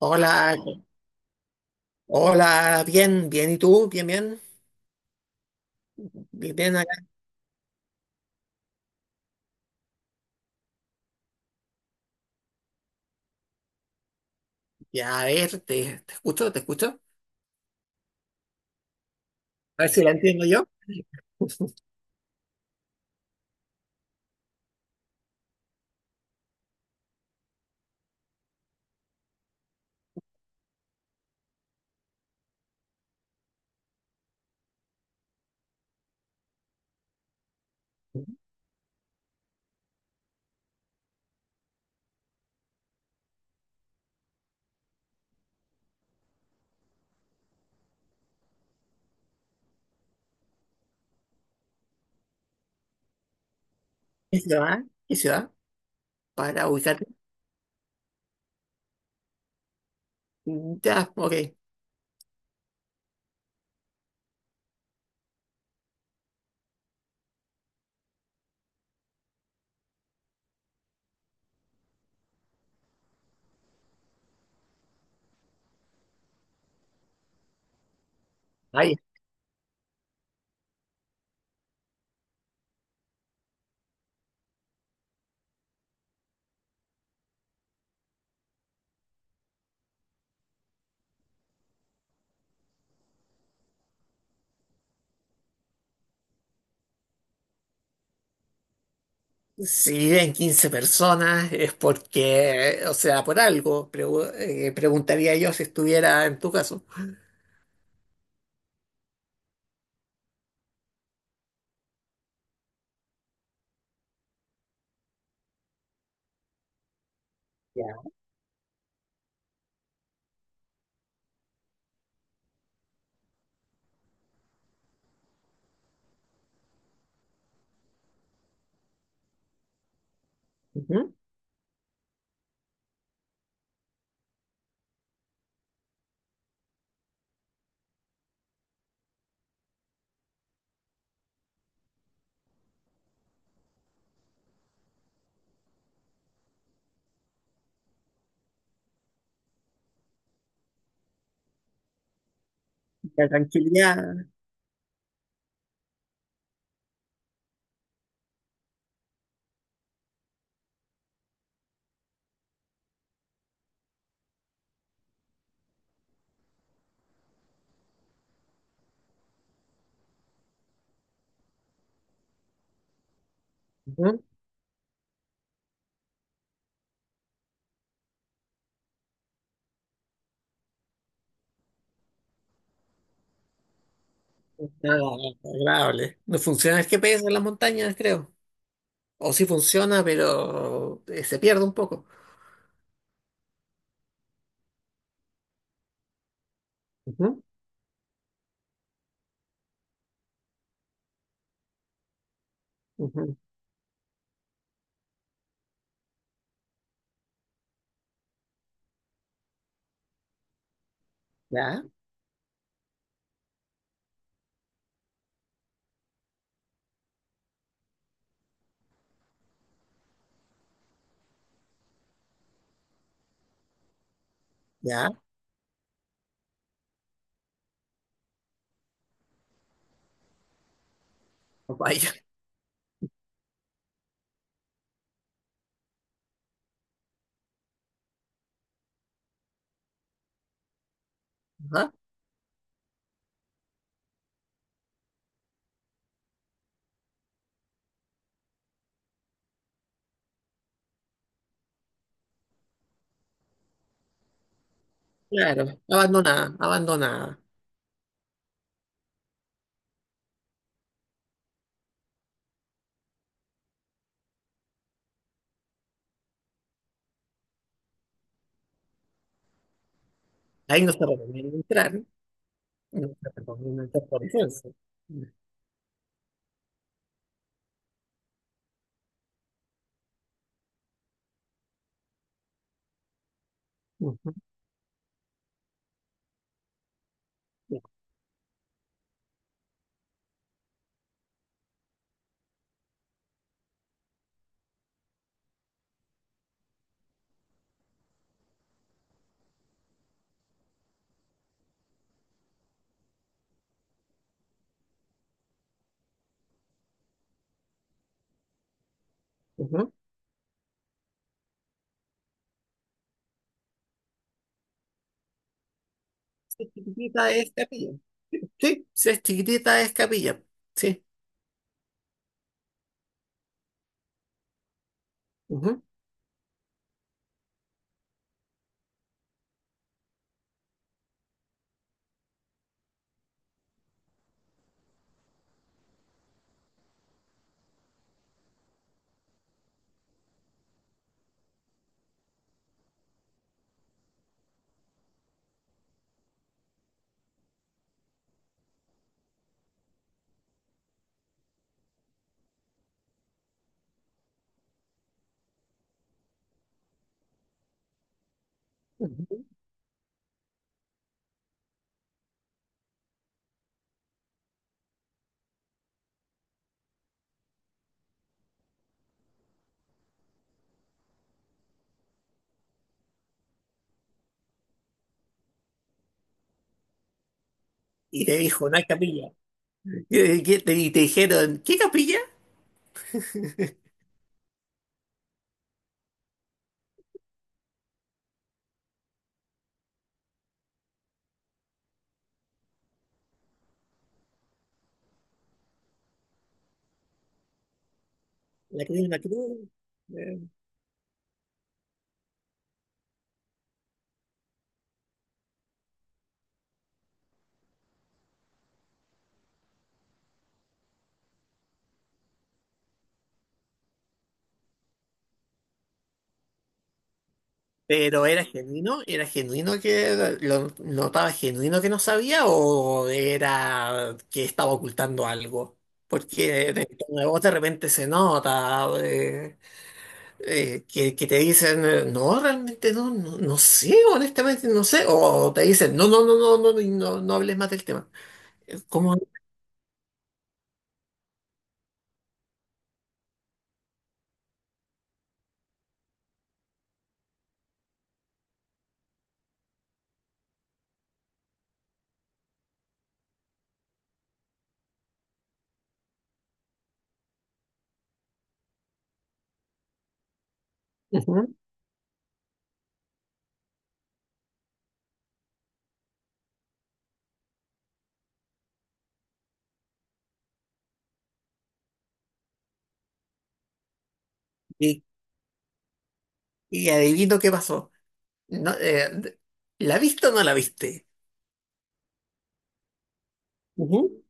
Hola, hola, bien, bien, ¿y tú? Bien, bien, bien, bien acá. Ya, a ver, te escucho, te escucho. A ver si la entiendo yo. ¿Qué ciudad? ¿Qué ciudad? Para ubicarte. Ya, ok. Ahí. Si viven 15 personas es porque, o sea, por algo, preguntaría yo si estuviera en tu caso. Ya. Ujú. La tranquilidad. Ujú. Nada agradable. No funciona el GPS en las montañas, creo. O sí funciona, pero se pierde un poco. Ujú, ya, ya, oh, vaya, ajá, claro, abandonada, abandonada. Ahí no se recomienda entrar, no se recomienda entrar por licencia. Ujú, ujú. Si es chiquitita es capilla. Sí, si es chiquitita es capilla. Sí. Ujú, ujú. Y te dijo, no hay capilla. Y, y- y te dijeron, ¿qué capilla? La cruz, la cruz. Pero era genuino que lo notaba genuino que no sabía o era que estaba ocultando algo. Porque en tono de voz de repente se nota que te dicen, no, realmente no, no, no sé, honestamente no sé. O te dicen, no, no, no, no, no, no, no hables más del tema. ¿Cómo? Ujú. Y, y adivino qué pasó. No, ¿la viste o no la viste? Ujú.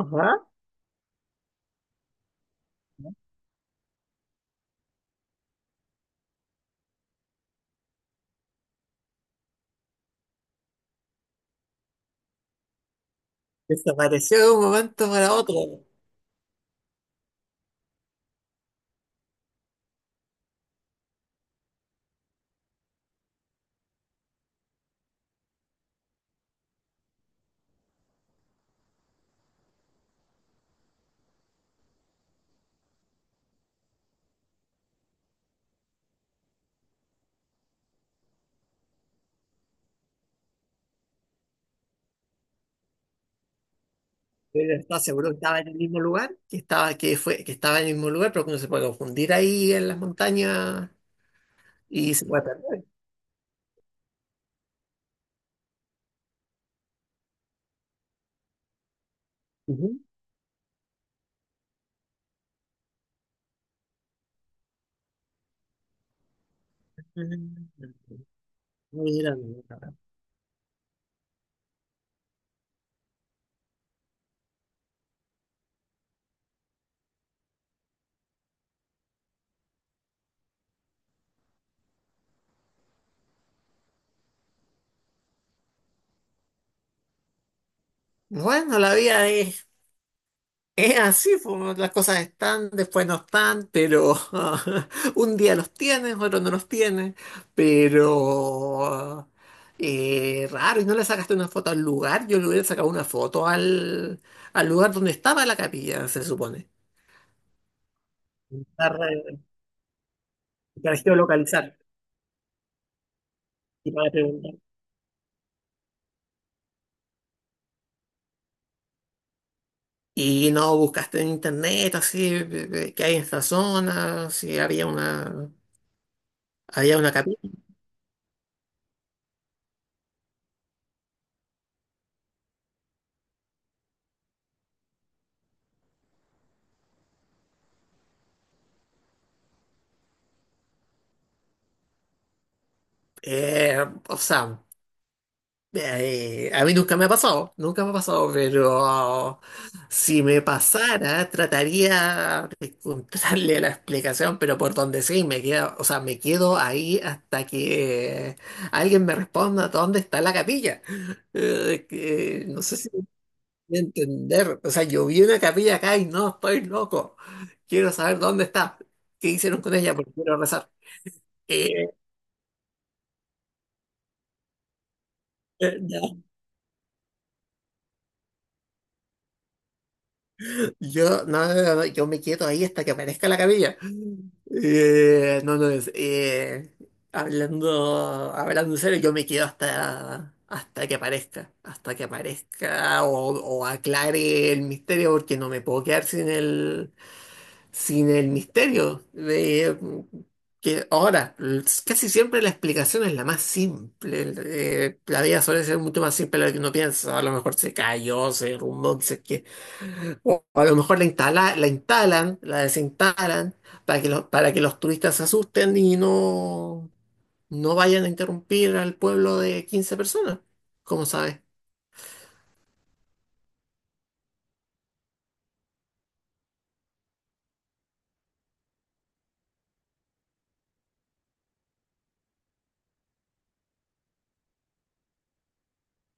Ajá. Desapareció de un momento para otro. Pero estaba seguro que estaba en el mismo lugar, que estaba, que fue, que estaba en el mismo lugar, pero que uno se puede confundir ahí en las montañas y se puede perder. Ujú. Mm, Mira, mira. Bueno, la vida es así, pues, las cosas están, después no están, pero un día los tienes, otro no los tienes, pero raro, y no le sacaste una foto al lugar, yo le hubiera sacado una foto al lugar donde estaba la capilla, se supone, para, para geolocalizar y para preguntar. Y no buscaste en internet, así, qué hay en esta zona, si había una capilla. Eh, o sea. A mí nunca me ha pasado, nunca me ha pasado, pero si me pasara, trataría de encontrarle la explicación, pero por donde sí, me quedo, o sea, me quedo ahí hasta que alguien me responda dónde está la capilla. Que no sé si me voy a entender, o sea, yo vi una capilla acá y no estoy loco, quiero saber dónde está, qué hicieron con ella, porque quiero rezar. Eh, no. Yo, no, no, no, no, yo me quedo ahí hasta que aparezca la camilla. No, no, hablando en serio, yo me quedo hasta que aparezca, hasta que aparezca o aclare el misterio, porque no me puedo quedar sin el misterio. De que ahora, casi siempre la explicación es la más simple. La vida suele ser mucho más simple de lo que uno piensa. A lo mejor se cayó, se derrumbó, o a lo mejor la instalan, la desinstalan para que los, turistas se asusten y no vayan a interrumpir al pueblo de 15 personas. Como sabes?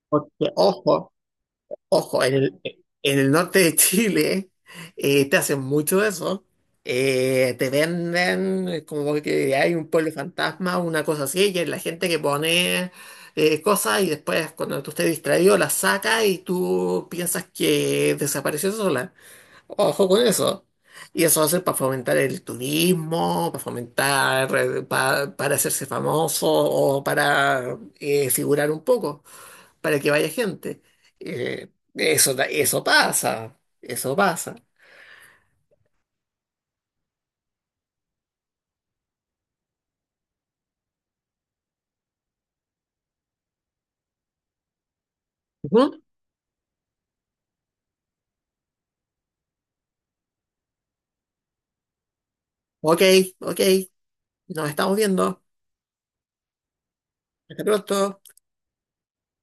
Porque, ojo, ojo, en el norte de Chile te hacen mucho eso. Te venden como que hay un pueblo fantasma, una cosa así, y es la gente que pone cosas y después cuando tú estés distraído las saca y tú piensas que desapareció sola. Ojo con eso. Y eso va a ser para fomentar el turismo, para fomentar, para hacerse famoso o para figurar un poco, para que vaya gente. Eso pasa, eso pasa. Ujú. Ok, ok, nos estamos viendo. Hasta pronto.